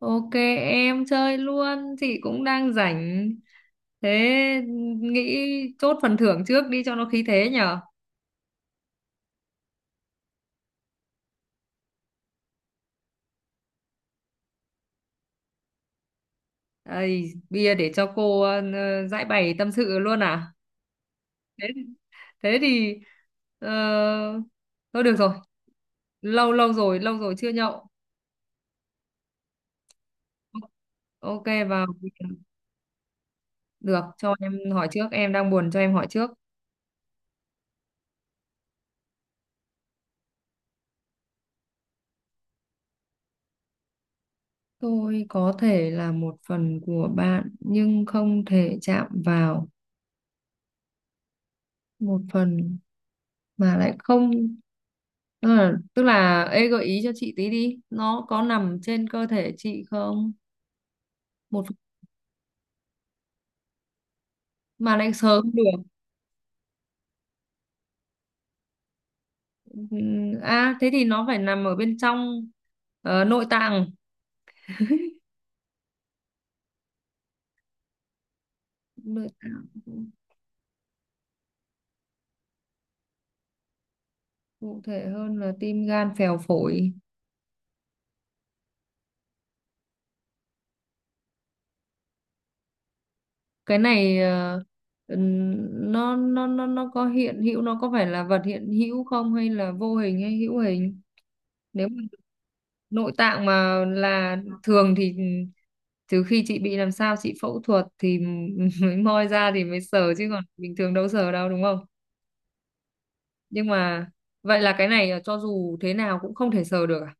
Ok em chơi luôn, chị cũng đang rảnh. Thế nghĩ chốt phần thưởng trước đi cho nó khí thế nhở. Đây, bia để cho cô giải bày tâm sự luôn à? Thế thế thì ờ, thôi được rồi, lâu lâu rồi chưa nhậu. Ok vào được cho em hỏi trước, em đang buồn cho em hỏi trước. Tôi có thể là một phần của bạn nhưng không thể chạm vào. Một phần mà lại không, tức là ê gợi ý cho chị tí đi, nó có nằm trên cơ thể chị không? Một mà lại sờ không được? À thế thì nó phải nằm ở bên trong, nội tạng. Nội tạng cụ thể hơn là tim gan phèo phổi. Cái này ừm, nó có hiện hữu, nó có phải là vật hiện hữu không, hay là vô hình hay hữu hình? Nếu nội tạng mà là thường thì trừ khi chị bị làm sao, chị phẫu thuật thì mới moi ra thì mới sờ, chứ còn bình thường đâu sờ đâu, đúng không? Nhưng mà vậy là cái này cho dù thế nào cũng không thể sờ được à?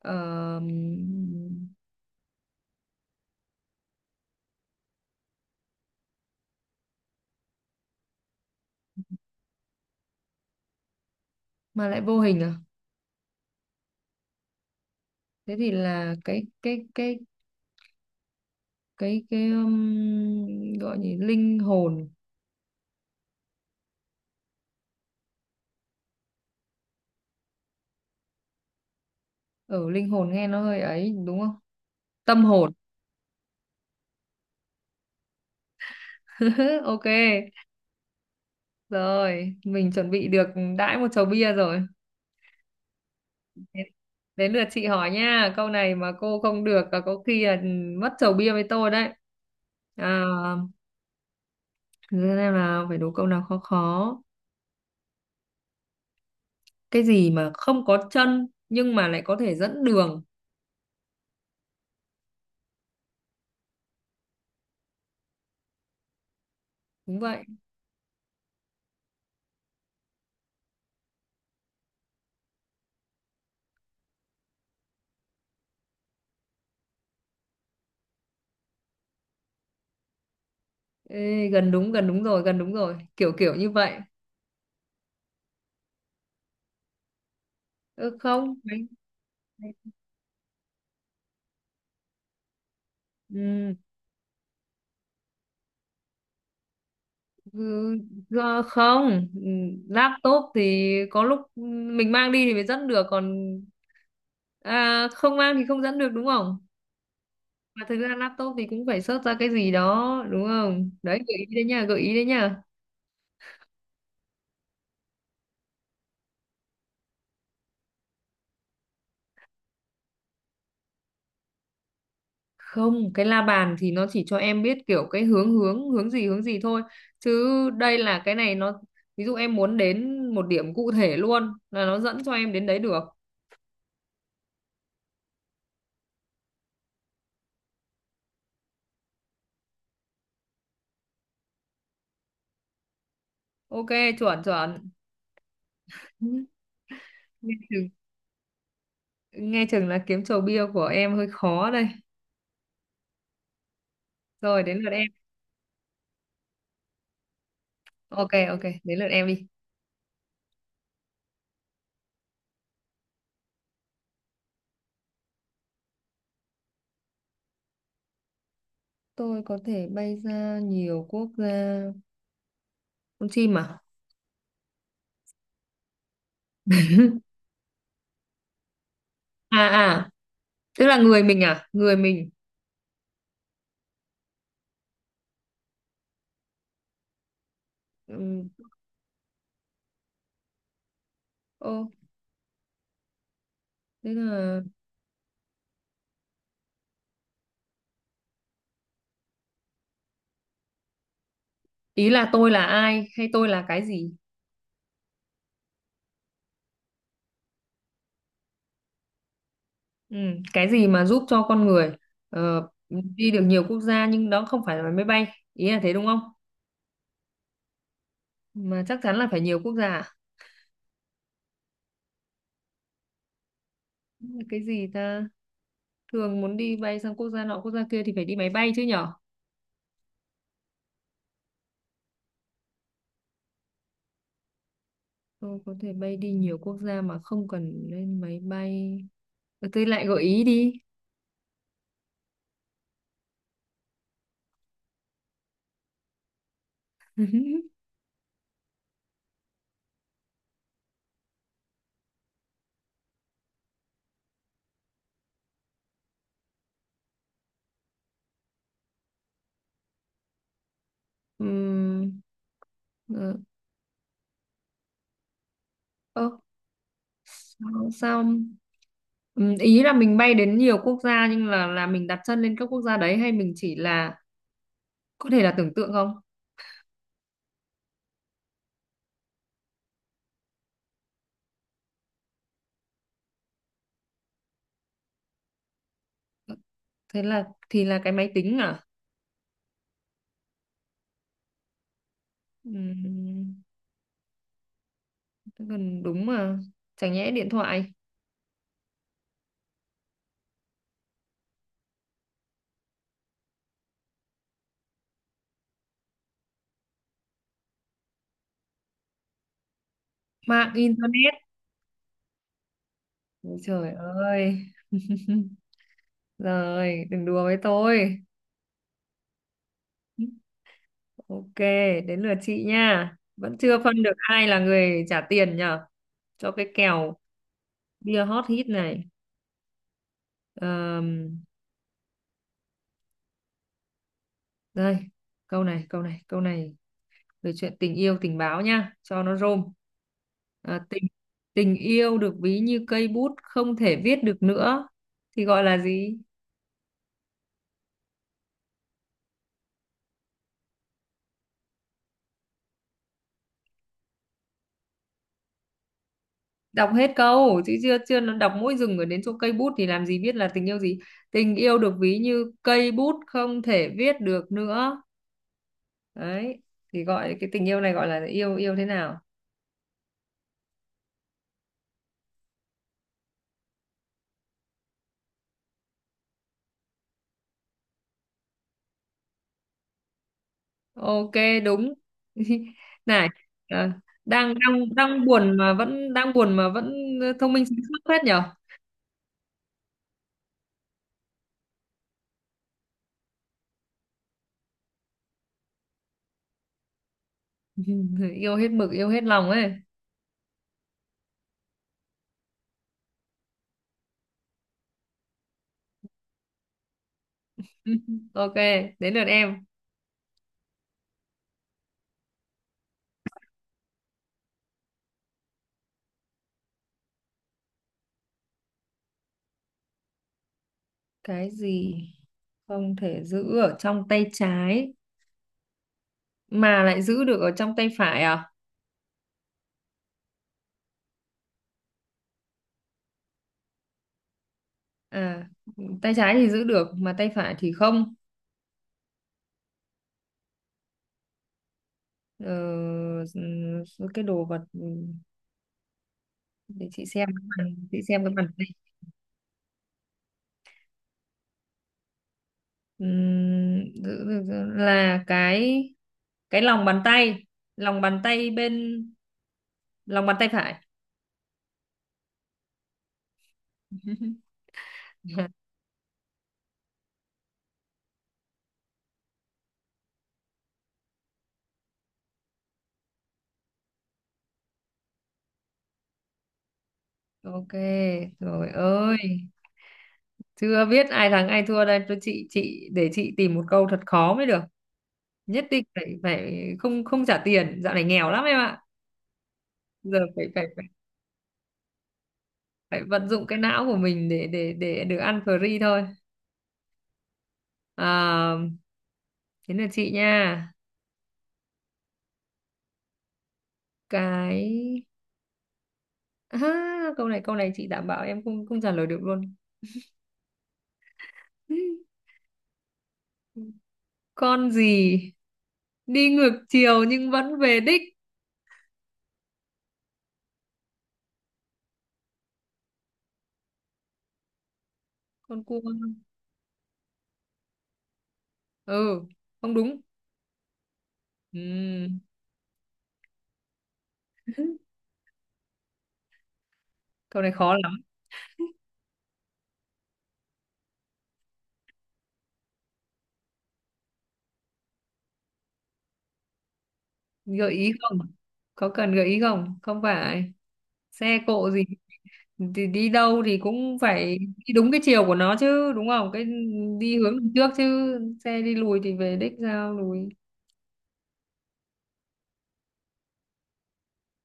Ờ, mà lại vô hình à? Thế thì là cái gọi gì, linh hồn. Ở linh hồn nghe nó hơi ấy đúng không? Tâm hồn. Ok, rồi mình chuẩn bị được đãi một chầu bia rồi. Đến đến lượt chị hỏi nha, câu này mà cô không được là có khi là mất chầu bia với tôi đấy. À, thế nên là phải đố câu nào khó khó. Cái gì mà không có chân nhưng mà lại có thể dẫn đường. Đúng vậy. Ê, gần đúng rồi, gần đúng rồi. Kiểu kiểu như vậy. Ừ, không. Ừ, ừ, không. Ừ, laptop thì có lúc mình mang đi thì mới dẫn được, còn à, không mang thì không dẫn được đúng không? Mà thực ra laptop thì cũng phải search ra cái gì đó đúng không, đấy gợi ý đấy nha, gợi ý đấy nha. Không, cái la bàn thì nó chỉ cho em biết kiểu cái hướng hướng hướng gì thôi, chứ đây là cái này nó ví dụ em muốn đến một điểm cụ thể luôn là nó dẫn cho em đến đấy được. Ok, chuẩn chuẩn. Ừ, nghe chừng nghe chừng là kiếm chầu bia của em hơi khó đây. Rồi đến lượt em. Ok ok, đến lượt em đi. Tôi có thể bay ra nhiều quốc gia, con chim à? À à, tức là người mình à, người mình. Ừ. Ô, tức là ý là tôi là ai hay tôi là cái gì? Ừ. Cái gì mà giúp cho con người đi được nhiều quốc gia nhưng đó không phải là máy bay, ý là thế đúng không? Mà chắc chắn là phải nhiều quốc gia à? Cái gì ta, thường muốn đi bay sang quốc gia nọ quốc gia kia thì phải đi máy bay chứ nhở. Tôi có thể bay đi nhiều quốc gia mà không cần lên máy bay. Ờ, tôi lại gợi ý đi. Ừm, ờ, ơ, Xong xong. Ý là mình bay đến nhiều quốc gia nhưng là mình đặt chân lên các quốc gia đấy hay mình chỉ là có thể là tưởng tượng không? Thế là thì là cái máy tính à? Ừm, thế còn đúng mà. Chẳng nhẽ điện thoại, mạng internet. Ôi trời ơi. Rồi, đừng đùa với tôi. Ok, đến lượt chị nha. Vẫn chưa phân được ai là người trả tiền nhở cho cái kèo bia hot hit này. Đây, câu này về chuyện tình yêu tình báo nha, cho nó rôm. À, tình Tình yêu được ví như cây bút không thể viết được nữa thì gọi là gì? Đọc hết câu chứ, chưa chưa nó đọc mỗi dừng ở đến chỗ cây bút thì làm gì biết là tình yêu gì? Tình yêu được ví như cây bút không thể viết được nữa. Đấy, thì gọi cái tình yêu này gọi là yêu, yêu thế nào? Ok, đúng. Này, ờ, đang đang đang buồn mà vẫn đang buồn mà vẫn thông minh sáng suốt phết nhở. Yêu hết mực, yêu hết lòng ấy. Ok, đến lượt em. Cái gì không thể giữ ở trong tay trái mà lại giữ được ở trong tay phải à? À, tay trái thì giữ được mà tay phải thì không. ờ, cái đồ vật, để chị xem cái bàn, chị xem cái bàn tay. Giữ được là cái lòng bàn tay, lòng bàn tay bên, lòng bàn tay phải. Ok rồi ơi, chưa biết ai thắng ai thua đây. Tôi chị để chị tìm một câu thật khó mới được, nhất định phải phải không, không trả tiền, dạo này nghèo lắm em ạ. Giờ phải vận dụng cái não của mình để để được ăn free thôi. À, thế là chị nha, cái à, câu này chị đảm bảo em không không trả lời được luôn. Con gì đi ngược chiều nhưng vẫn về đích? Con cua? Ừ, không đúng. Ừm, câu này khó lắm. Gợi ý không, có cần gợi ý không? Không phải xe cộ gì, thì đi đâu thì cũng phải đi đúng cái chiều của nó chứ đúng không, cái đi hướng đằng trước chứ, xe đi lùi thì về đích sao lùi.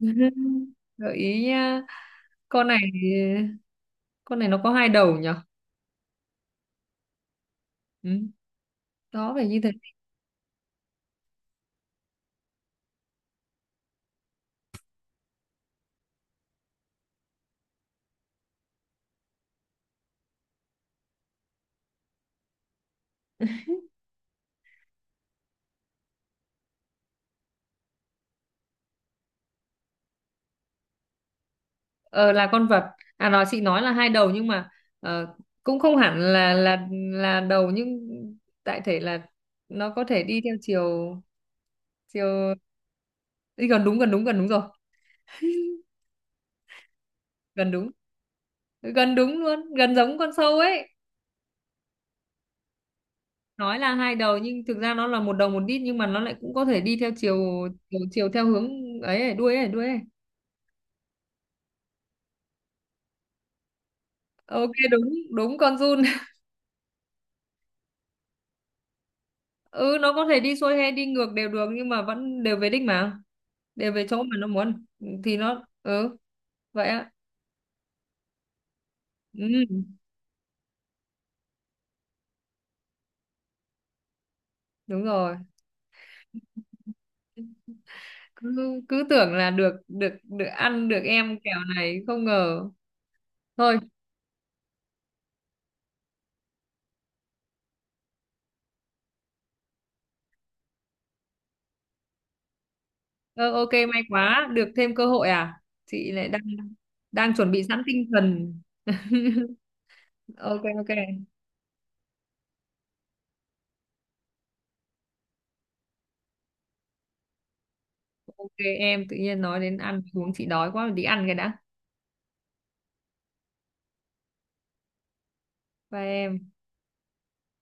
Gợi ý nhá, con này con này nó có hai đầu nhở. Ừ. Đó phải như thế. Ờ, là con vật. À nói, chị nói là hai đầu nhưng mà ờ, cũng không hẳn là là đầu nhưng đại thể là nó có thể đi theo chiều chiều đi, gần đúng, gần đúng, gần đúng rồi. Gần đúng, gần đúng luôn, gần giống con sâu ấy. Nói là hai đầu nhưng thực ra nó là một đầu một đít nhưng mà nó lại cũng có thể đi theo chiều chiều, chiều theo hướng ấy, ấy đuôi ấy, đuôi ấy. Ok, đúng, đúng, con giun. Ừ, nó có thể đi xuôi hay đi ngược đều được nhưng mà vẫn đều về đích mà, đều về chỗ mà nó muốn thì nó ừ vậy á. Ừ, đúng rồi. Cứ cứ tưởng là được được được ăn được em kẹo này, không ngờ. Thôi, ờ, ok may quá được thêm cơ hội à. Chị lại đang đang chuẩn bị sẵn tinh thần. Ok ok. Ok em tự nhiên nói đến ăn uống chị đói quá, đi ăn cái đã. Bye em.